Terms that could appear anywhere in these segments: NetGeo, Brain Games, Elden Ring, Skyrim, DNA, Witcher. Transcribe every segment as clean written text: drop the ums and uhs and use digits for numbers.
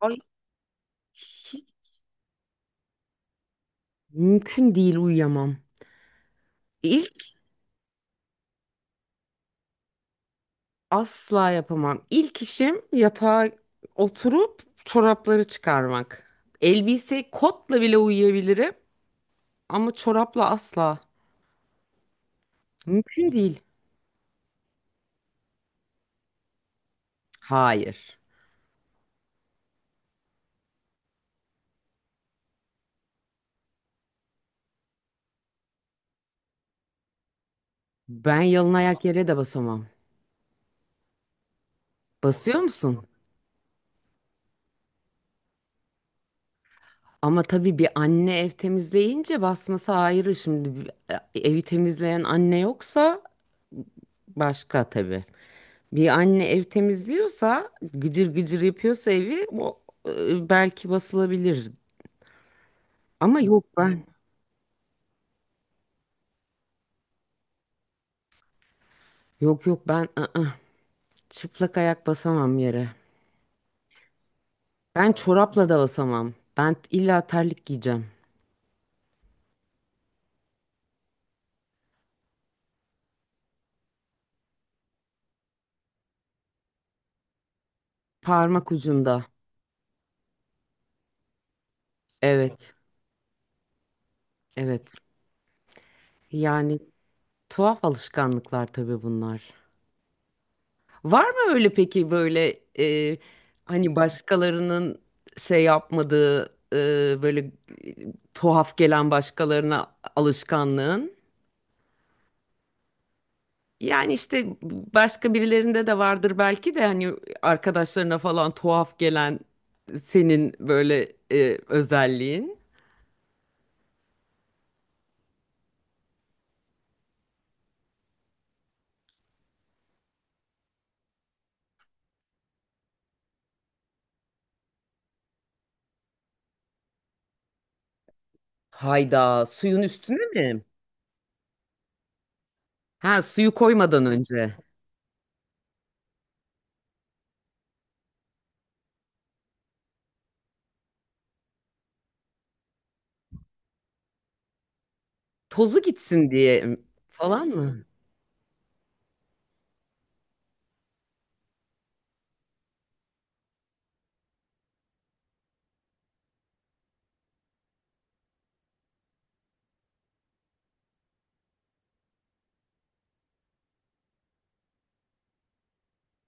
Ay, hiç mümkün değil, uyuyamam. İlk Asla yapamam. İlk işim yatağa oturup çorapları çıkarmak. Elbise kotla bile uyuyabilirim ama çorapla asla. Mümkün değil. Hayır. Ben yalın ayak yere de basamam. Basıyor musun? Ama tabii bir anne ev temizleyince basması ayrı. Şimdi evi temizleyen anne yoksa başka tabii. Bir anne ev temizliyorsa, gıcır gıcır yapıyorsa evi o, belki basılabilir. Ama yok ben Yok, yok, ben, ı-ı, çıplak ayak basamam yere. Ben çorapla da basamam. Ben illa terlik giyeceğim. Parmak ucunda. Evet, evet. Yani tuhaf alışkanlıklar tabii bunlar. Var mı öyle peki böyle, hani başkalarının şey yapmadığı, böyle, tuhaf gelen başkalarına alışkanlığın? Yani işte başka birilerinde de vardır belki de hani arkadaşlarına falan tuhaf gelen senin böyle, özelliğin. Hayda, suyun üstüne mi? Ha, suyu koymadan önce. Tozu gitsin diye falan mı?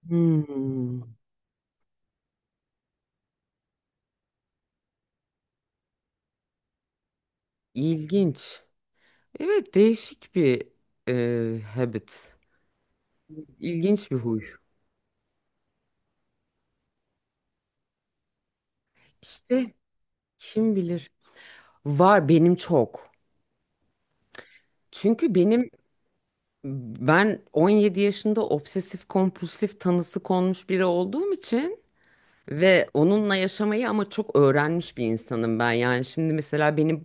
Hmm, ilginç. Evet, değişik bir, habit. İlginç bir huy. İşte kim bilir. Var benim çok. Çünkü ben 17 yaşında obsesif kompulsif tanısı konmuş biri olduğum için ve onunla yaşamayı ama çok öğrenmiş bir insanım ben. Yani şimdi mesela beni,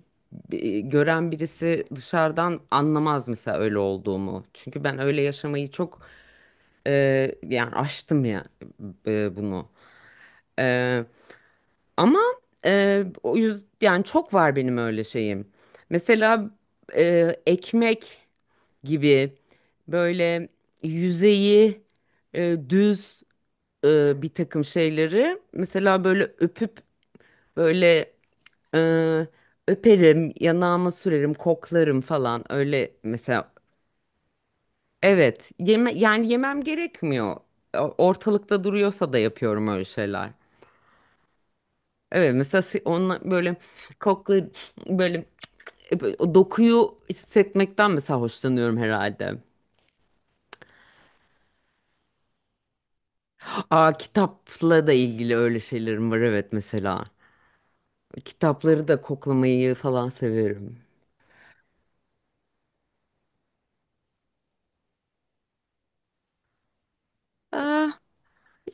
gören birisi dışarıdan anlamaz mesela öyle olduğumu. Çünkü ben öyle yaşamayı çok, e, yani aştım ya, bunu. E, Ama, o yüzden yani çok var benim öyle şeyim. Mesela, ekmek gibi böyle yüzeyi, düz, bir takım şeyleri mesela böyle öpüp böyle, e, öperim, yanağıma sürerim, koklarım falan öyle mesela. Evet, yani yemem gerekmiyor. Ortalıkta duruyorsa da yapıyorum öyle şeyler. Evet, mesela onunla böyle koklar, böyle, o dokuyu hissetmekten mesela hoşlanıyorum herhalde. Aa, kitapla da ilgili öyle şeylerim var, evet, mesela. Kitapları da koklamayı falan severim. Ee,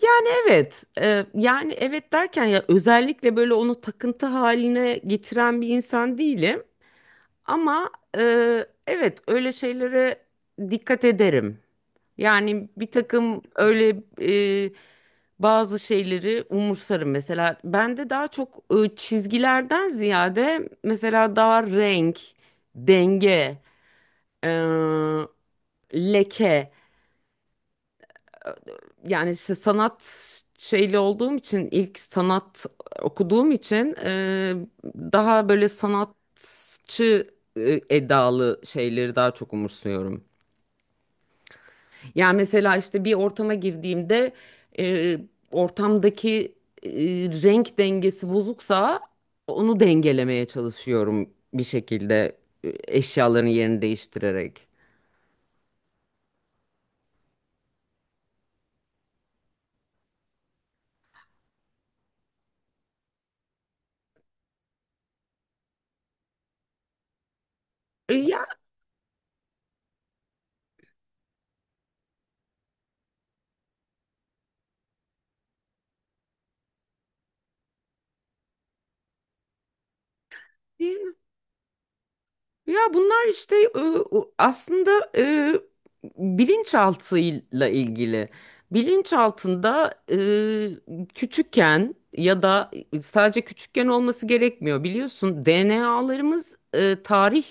Yani, evet. Yani, evet derken, ya özellikle böyle onu takıntı haline getiren bir insan değilim. Ama, e, evet, öyle şeylere dikkat ederim. Yani bir takım öyle, e, bazı şeyleri umursarım. Mesela bende daha çok, çizgilerden ziyade mesela daha renk, denge, e, leke, yani işte sanat şeyli olduğum için, ilk sanat okuduğum için, daha böyle sanatçı, edalı şeyleri daha çok umursuyorum. Yani mesela işte bir ortama girdiğimde, e, ortamdaki, e, renk dengesi bozuksa onu dengelemeye çalışıyorum bir şekilde, eşyaların yerini değiştirerek. Yani, ya bunlar işte, aslında, e, bilinçaltıyla ilgili. Bilinçaltında, küçükken ya da sadece küçükken olması gerekmiyor. Biliyorsun, DNA'larımız, tarih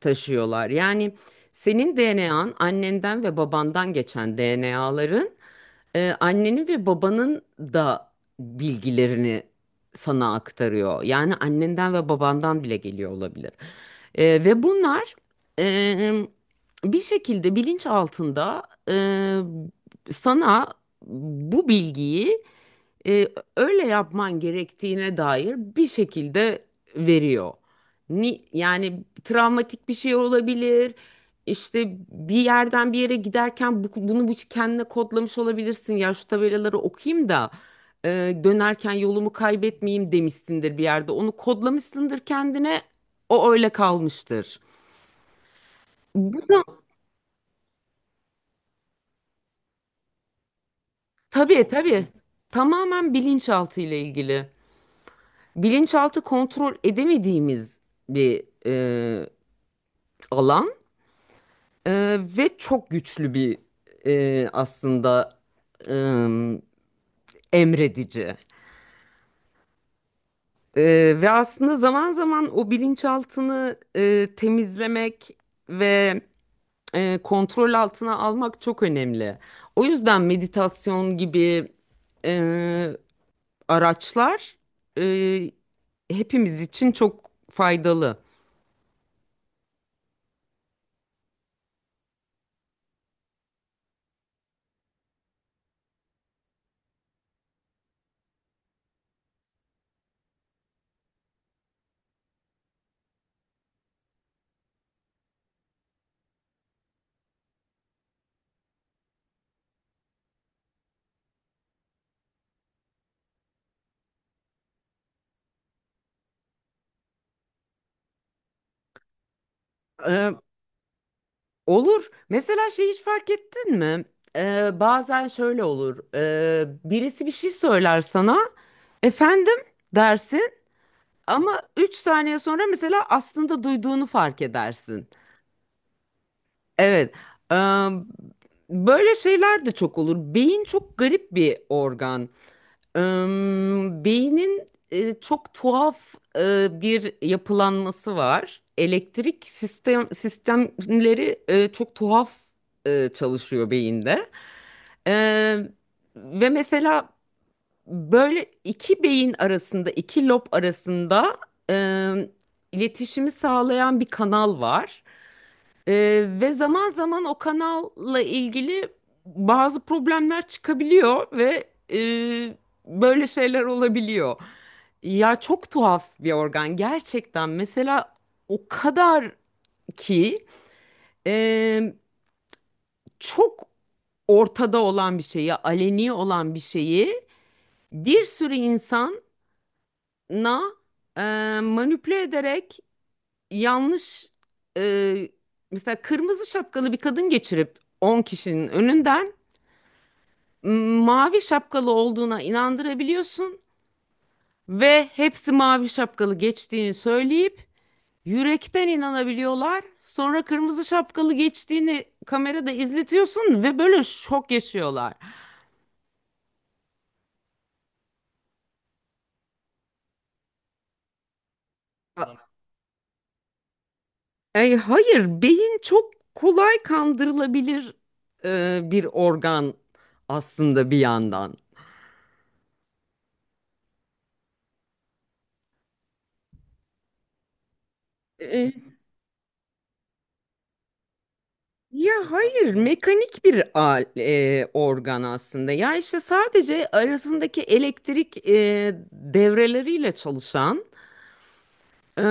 taşıyorlar. Yani senin DNA'n, annenden ve babandan geçen DNA'ların, annenin ve babanın da bilgilerini sana aktarıyor. Yani annenden ve babandan bile geliyor olabilir. Ve bunlar, e, bir şekilde bilinç altında, e, sana bu bilgiyi, e, öyle yapman gerektiğine dair bir şekilde veriyor. Yani travmatik bir şey olabilir. İşte bir yerden bir yere giderken bunu kendine kodlamış olabilirsin. Ya şu tabelaları okuyayım da, e, dönerken yolumu kaybetmeyeyim demişsindir bir yerde. Onu kodlamışsındır kendine. O öyle kalmıştır. Bu da, tabii, tabii, tamamen bilinçaltı ile ilgili. Bilinçaltı kontrol edemediğimiz bir, alan. E, Ve çok güçlü bir, aslında, e, emredici. Ve aslında zaman zaman o bilinçaltını, temizlemek ve, kontrol altına almak çok önemli. O yüzden meditasyon gibi, e, araçlar, e, hepimiz için çok faydalı. Ee, olur. Mesela şey, hiç fark ettin mi? Bazen şöyle olur. Birisi bir şey söyler sana, efendim dersin. Ama 3 saniye sonra mesela aslında duyduğunu fark edersin. Evet. eee, Böyle şeyler de çok olur. Beyin çok garip bir organ. Eee, Beynin, çok tuhaf, bir yapılanması var. Elektrik sistemleri, çok tuhaf, çalışıyor beyinde. Eee, ve mesela, böyle iki beyin arasında, iki lob arasında, e, iletişimi sağlayan bir kanal var. E, ve zaman zaman o kanalla ilgili bazı problemler çıkabiliyor ve, böyle şeyler olabiliyor. Ya, çok tuhaf bir organ gerçekten. Mesela o kadar ki, e, çok ortada olan bir şeyi, aleni olan bir şeyi, bir sürü insan na e, manipüle ederek yanlış, e, mesela kırmızı şapkalı bir kadın geçirip 10 kişinin önünden, mavi şapkalı olduğuna inandırabiliyorsun ve hepsi mavi şapkalı geçtiğini söyleyip yürekten inanabiliyorlar. Sonra kırmızı şapkalı geçtiğini kamerada izletiyorsun ve böyle şok yaşıyorlar. Ay, hayır, beyin çok kolay kandırılabilir, bir organ aslında, bir yandan. E, Ya hayır, mekanik bir organ aslında. Ya işte sadece arasındaki elektrik, devreleriyle çalışan, e,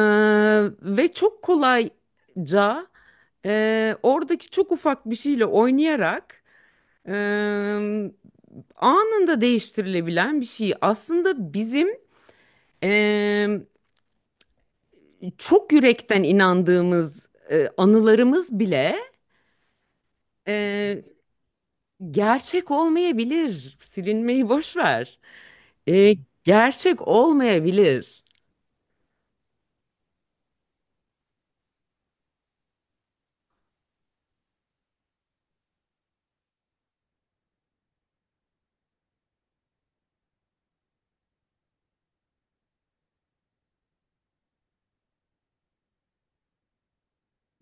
ve çok kolayca, oradaki çok ufak bir şeyle oynayarak, e, anında değiştirilebilen bir şey. Aslında bizim, e, çok yürekten inandığımız, anılarımız bile, e, gerçek olmayabilir. Silinmeyi boş ver. E, Gerçek olmayabilir.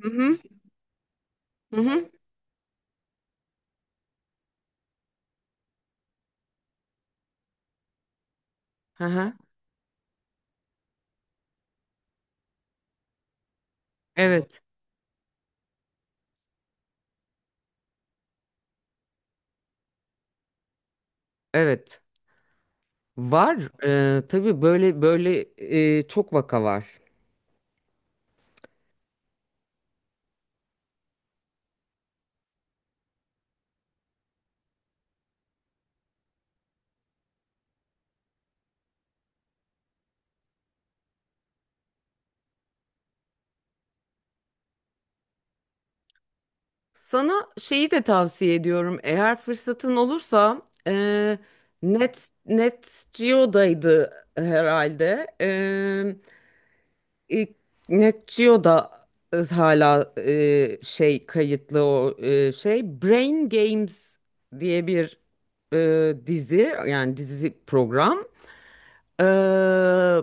Hı hı, hı hı. Hı hı. Evet, evet. Var. Tabii, böyle böyle, çok vaka var. Sana şeyi de tavsiye ediyorum. Eğer fırsatın olursa, e, Net Geo'daydı herhalde. E, NetGeo da hala, şey kayıtlı, o, şey, Brain Games diye bir, dizi, yani dizi program. Ee,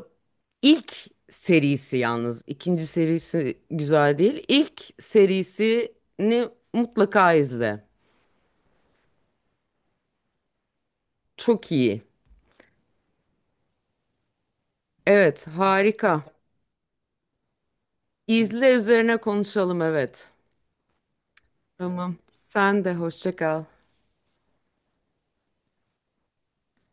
ilk serisi, yalnız ikinci serisi güzel değil. İlk serisini mutlaka izle. Çok iyi. Evet, harika. İzle, üzerine konuşalım, evet. Tamam. Sen de hoşça kal.